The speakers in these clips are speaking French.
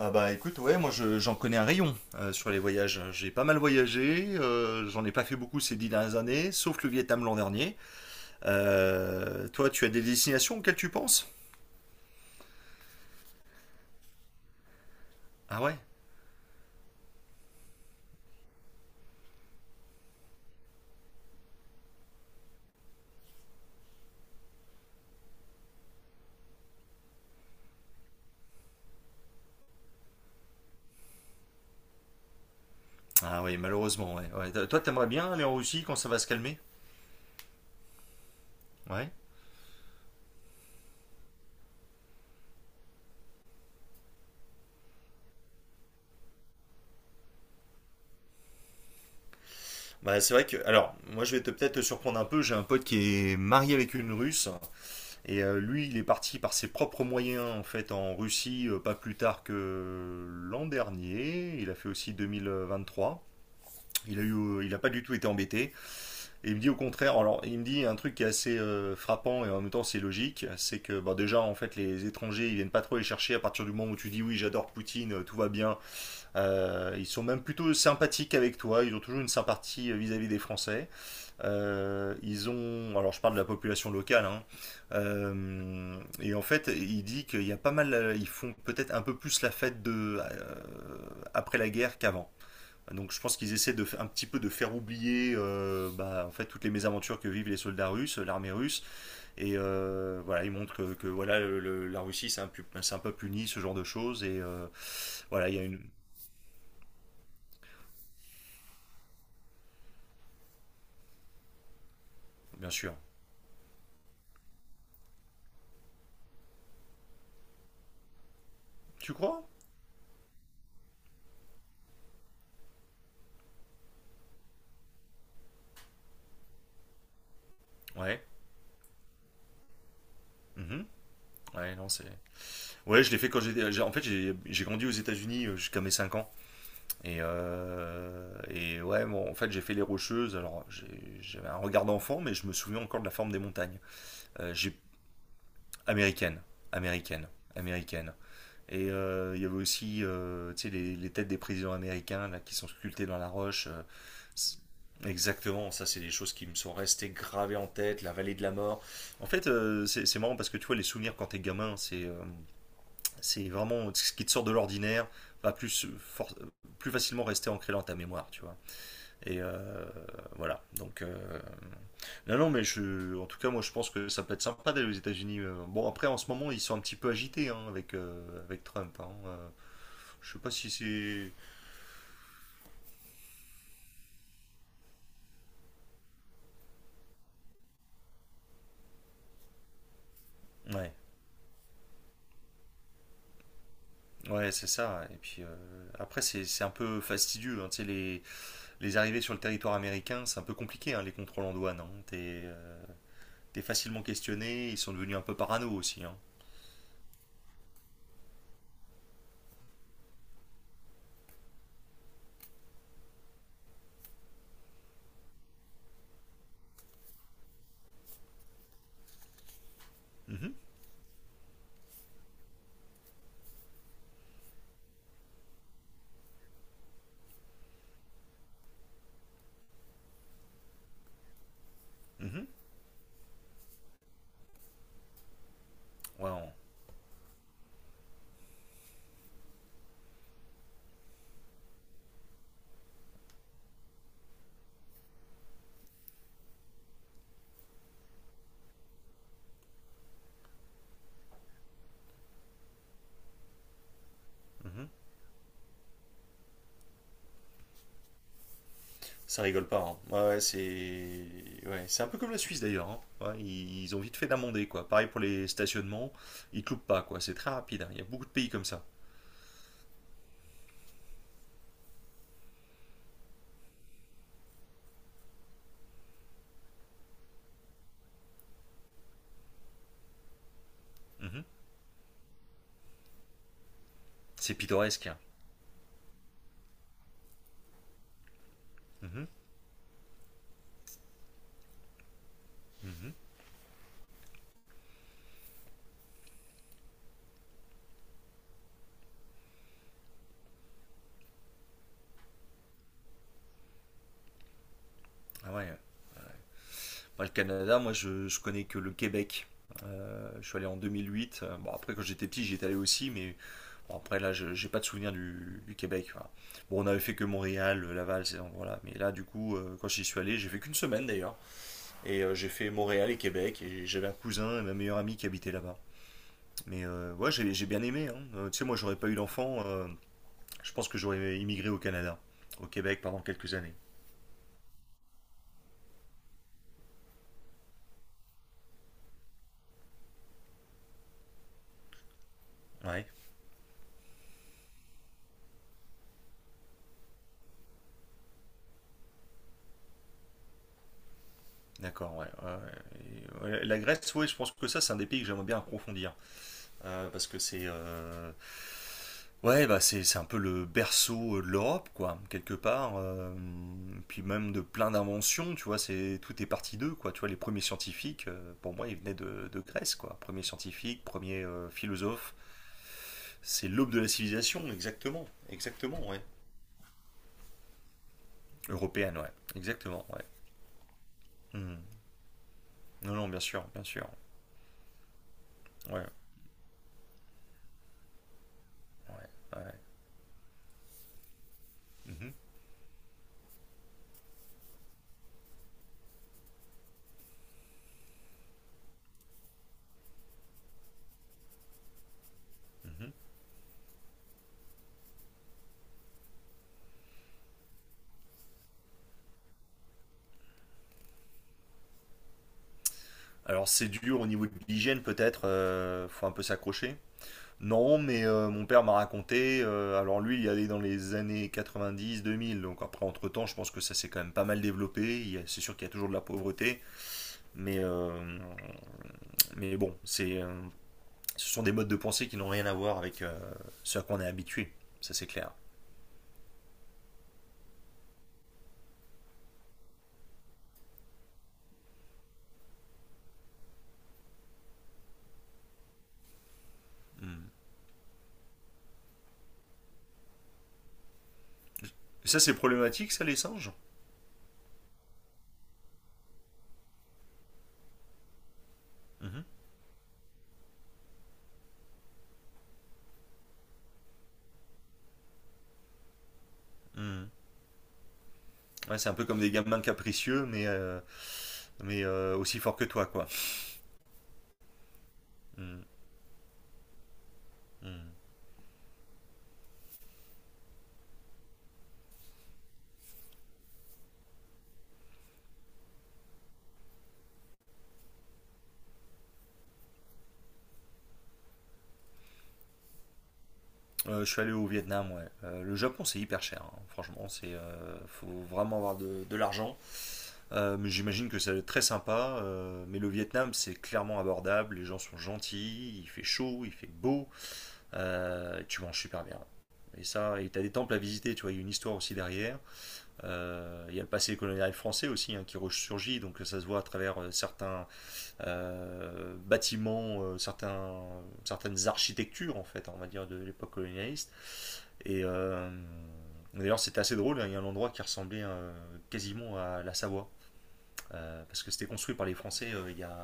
Ah bah écoute, ouais, moi j'en connais un rayon sur les voyages. J'ai pas mal voyagé, j'en ai pas fait beaucoup ces dix dernières années, sauf le Vietnam l'an dernier. Toi, tu as des destinations auxquelles tu penses? Ah ouais? Ah oui, malheureusement, ouais. Ouais. Toi, t'aimerais bien aller en Russie quand ça va se calmer? Ouais. Bah c'est vrai que, alors, moi je vais te peut-être te surprendre un peu, j'ai un pote qui est marié avec une Russe, et lui, il est parti par ses propres moyens, en fait, en Russie, pas plus tard que l'an dernier, il a fait aussi 2023. Il a pas du tout été embêté. Et il me dit au contraire, alors il me dit un truc qui est assez frappant et en même temps c'est logique, c'est que bah, déjà en fait les étrangers ils viennent pas trop les chercher à partir du moment où tu dis oui j'adore Poutine, tout va bien. Ils sont même plutôt sympathiques avec toi, ils ont toujours une sympathie vis-à-vis des Français. Ils ont, alors je parle de la population locale, hein, euh, et en fait, il dit qu'il y a pas mal, ils font peut-être un peu plus la fête de après la guerre qu'avant. Donc je pense qu'ils essaient de, un petit peu de faire oublier bah, en fait, toutes les mésaventures que vivent les soldats russes, l'armée russe, et voilà, ils montrent que, voilà, la Russie c'est un peuple uni, ce genre de choses, et voilà, il y a une. Bien sûr. Tu crois? Ouais. Mhm. Ouais, non, c'est. Ouais, je l'ai fait en fait, j'ai grandi aux États-Unis jusqu'à mes 5 ans, et ouais, bon, en fait, j'ai fait les Rocheuses, alors j'avais un regard d'enfant, mais je me souviens encore de la forme des montagnes. Euh, j'ai... Américaine, américaine, américaine. Et il y avait aussi tu sais, les têtes des présidents américains là, qui sont sculptées dans la roche. C'est- Exactement, ça c'est des choses qui me sont restées gravées en tête, la vallée de la mort. En fait, c'est marrant parce que tu vois, les souvenirs quand t'es gamin, c'est vraiment ce qui te sort de l'ordinaire, va plus, plus facilement rester ancré dans ta mémoire, tu vois. Et voilà, donc... euh, non, non, mais je, en tout cas, moi je pense que ça peut être sympa d'aller aux États-Unis. Bon, après, en ce moment, ils sont un petit peu agités hein, avec, avec Trump. Hein. Je sais pas si c'est. Ouais. Ouais, c'est ça. Et puis après, c'est un peu fastidieux. Hein. Tu sais, les arrivées sur le territoire américain, c'est un peu compliqué, hein, les contrôles en douane. Hein. T'es facilement questionné, ils sont devenus un peu parano aussi. Hein. Mhm, mhm. Ouais, mhm. Ça rigole pas. Hein. Ouais, ouais, c'est un peu comme la Suisse d'ailleurs. Hein. Ouais, ils ont vite fait d'amender, quoi. Pareil pour les stationnements, ils te loupent pas, quoi. C'est très rapide. Hein. Il y a beaucoup de pays comme ça. Mhm. C'est pittoresque. Hein. Mhm, mhm. Ah ouais. Ouais. Enfin, le Canada, moi, je connais que le Québec. Je suis allé en 2008. Bon, après, quand j'étais petit, j'y étais allé aussi, mais bon, après, là, j'ai pas de souvenir du, Québec. Voilà. Bon, on avait fait que Montréal, Laval, ces endroits-là. Mais là, du coup, quand j'y suis allé, j'ai fait qu'une semaine d'ailleurs. Et j'ai fait Montréal et Québec. Et j'avais un cousin et ma meilleure amie qui habitait là-bas. Mais ouais, j'ai bien aimé. Hein. Tu sais, moi, j'aurais pas eu d'enfant. Je pense que j'aurais immigré au Canada, au Québec pendant quelques années. Ouais. D'accord, ouais. Ouais, ouais. Et, ouais, la Grèce, oui, je pense que ça, c'est un des pays que j'aimerais bien approfondir. Parce que c'est. Ouais, bah c'est un peu le berceau de l'Europe, quoi, quelque part. Puis même de plein d'inventions, tu vois, c'est tout est parti d'eux, quoi. Tu vois, les premiers scientifiques, pour moi, ils venaient de Grèce, quoi. Premier scientifique, premier philosophe. C'est l'aube de la civilisation, exactement. Exactement, ouais. Européenne, ouais. Exactement, ouais. Mhm. Non, non, bien sûr, bien sûr. Ouais, ouais, ouais. Mhm, mhm. Alors c'est dur au niveau de l'hygiène peut-être, faut un peu s'accrocher. Non, mais mon père m'a raconté, alors lui il y allait dans les années 90-2000, donc après entre-temps je pense que ça s'est quand même pas mal développé. C'est sûr qu'il y a toujours de la pauvreté, mais, euh, mais bon, ce sont des modes de pensée qui n'ont rien à voir avec ce à quoi on est habitué, ça c'est clair. Mm. Et ça c'est problématique ça les singes? Mhm. Mm. Ouais, c'est un peu comme des gamins capricieux, mais aussi forts que toi quoi. Mm. Mm. Je suis allé au Vietnam, ouais. Le Japon, c'est hyper cher, hein. Franchement. Faut vraiment avoir de l'argent. Mais j'imagine que ça va être très sympa. Mais le Vietnam, c'est clairement abordable. Les gens sont gentils, il fait chaud, il fait beau. Tu manges super bien. Et t'as des temples à visiter, tu vois, il y a une histoire aussi derrière. Il y a le passé colonial français aussi hein, qui ressurgit, donc ça se voit à travers certains bâtiments, certaines architectures, en fait, on va dire, de l'époque colonialiste. Et d'ailleurs, c'était assez drôle. Hein, il y a un endroit qui ressemblait quasiment à la Savoie, parce que c'était construit par les Français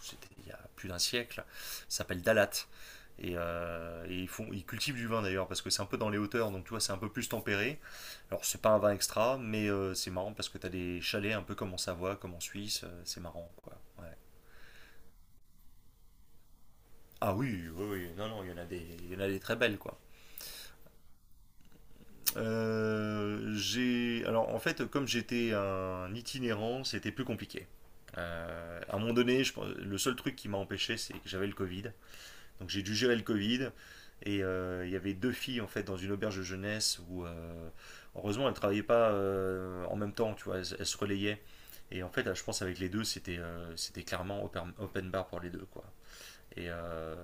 c'était il y a plus d'un siècle. Ça s'appelle Dalat. Et ils cultivent du vin d'ailleurs, parce que c'est un peu dans les hauteurs, donc tu vois, c'est un peu plus tempéré. Alors, c'est pas un vin extra, mais c'est marrant parce que t'as des chalets un peu comme en Savoie, comme en Suisse. C'est marrant, quoi. Ouais. Ah oui, oui, oui. Non, non, il y en a des, il y en a des très belles, quoi. J'ai Alors en fait comme j'étais un itinérant, c'était plus compliqué. À un moment donné, le seul truc qui m'a empêché, c'est que j'avais le Covid. Donc j'ai dû gérer le Covid. Et il y avait deux filles en fait dans une auberge de jeunesse où heureusement elles travaillaient pas en même temps, tu vois, elles se relayaient. Et en fait, là, je pense avec les deux, c'était clairement open bar pour les deux quoi. Et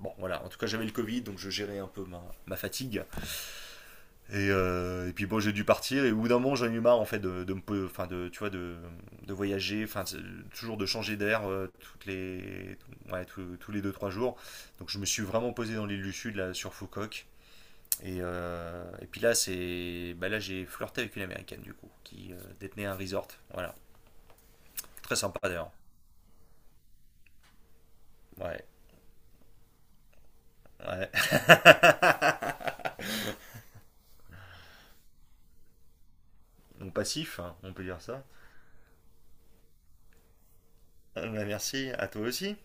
bon voilà, en tout cas j'avais le Covid, donc je gérais un peu ma fatigue. Et puis bon, j'ai dû partir et au bout d'un moment, j'en ai eu marre en fait de me, enfin de, tu vois, de voyager, enfin toujours de changer d'air toutes les, ouais, tous les deux trois jours. Donc je me suis vraiment posé dans l'île du Sud là sur Foucault. Et puis là, bah là, j'ai flirté avec une américaine du coup qui détenait un resort. Voilà, très sympa d'ailleurs. Ouais, ouais. Mon passif, hein, on peut dire ça. Ah, bah, merci à toi aussi.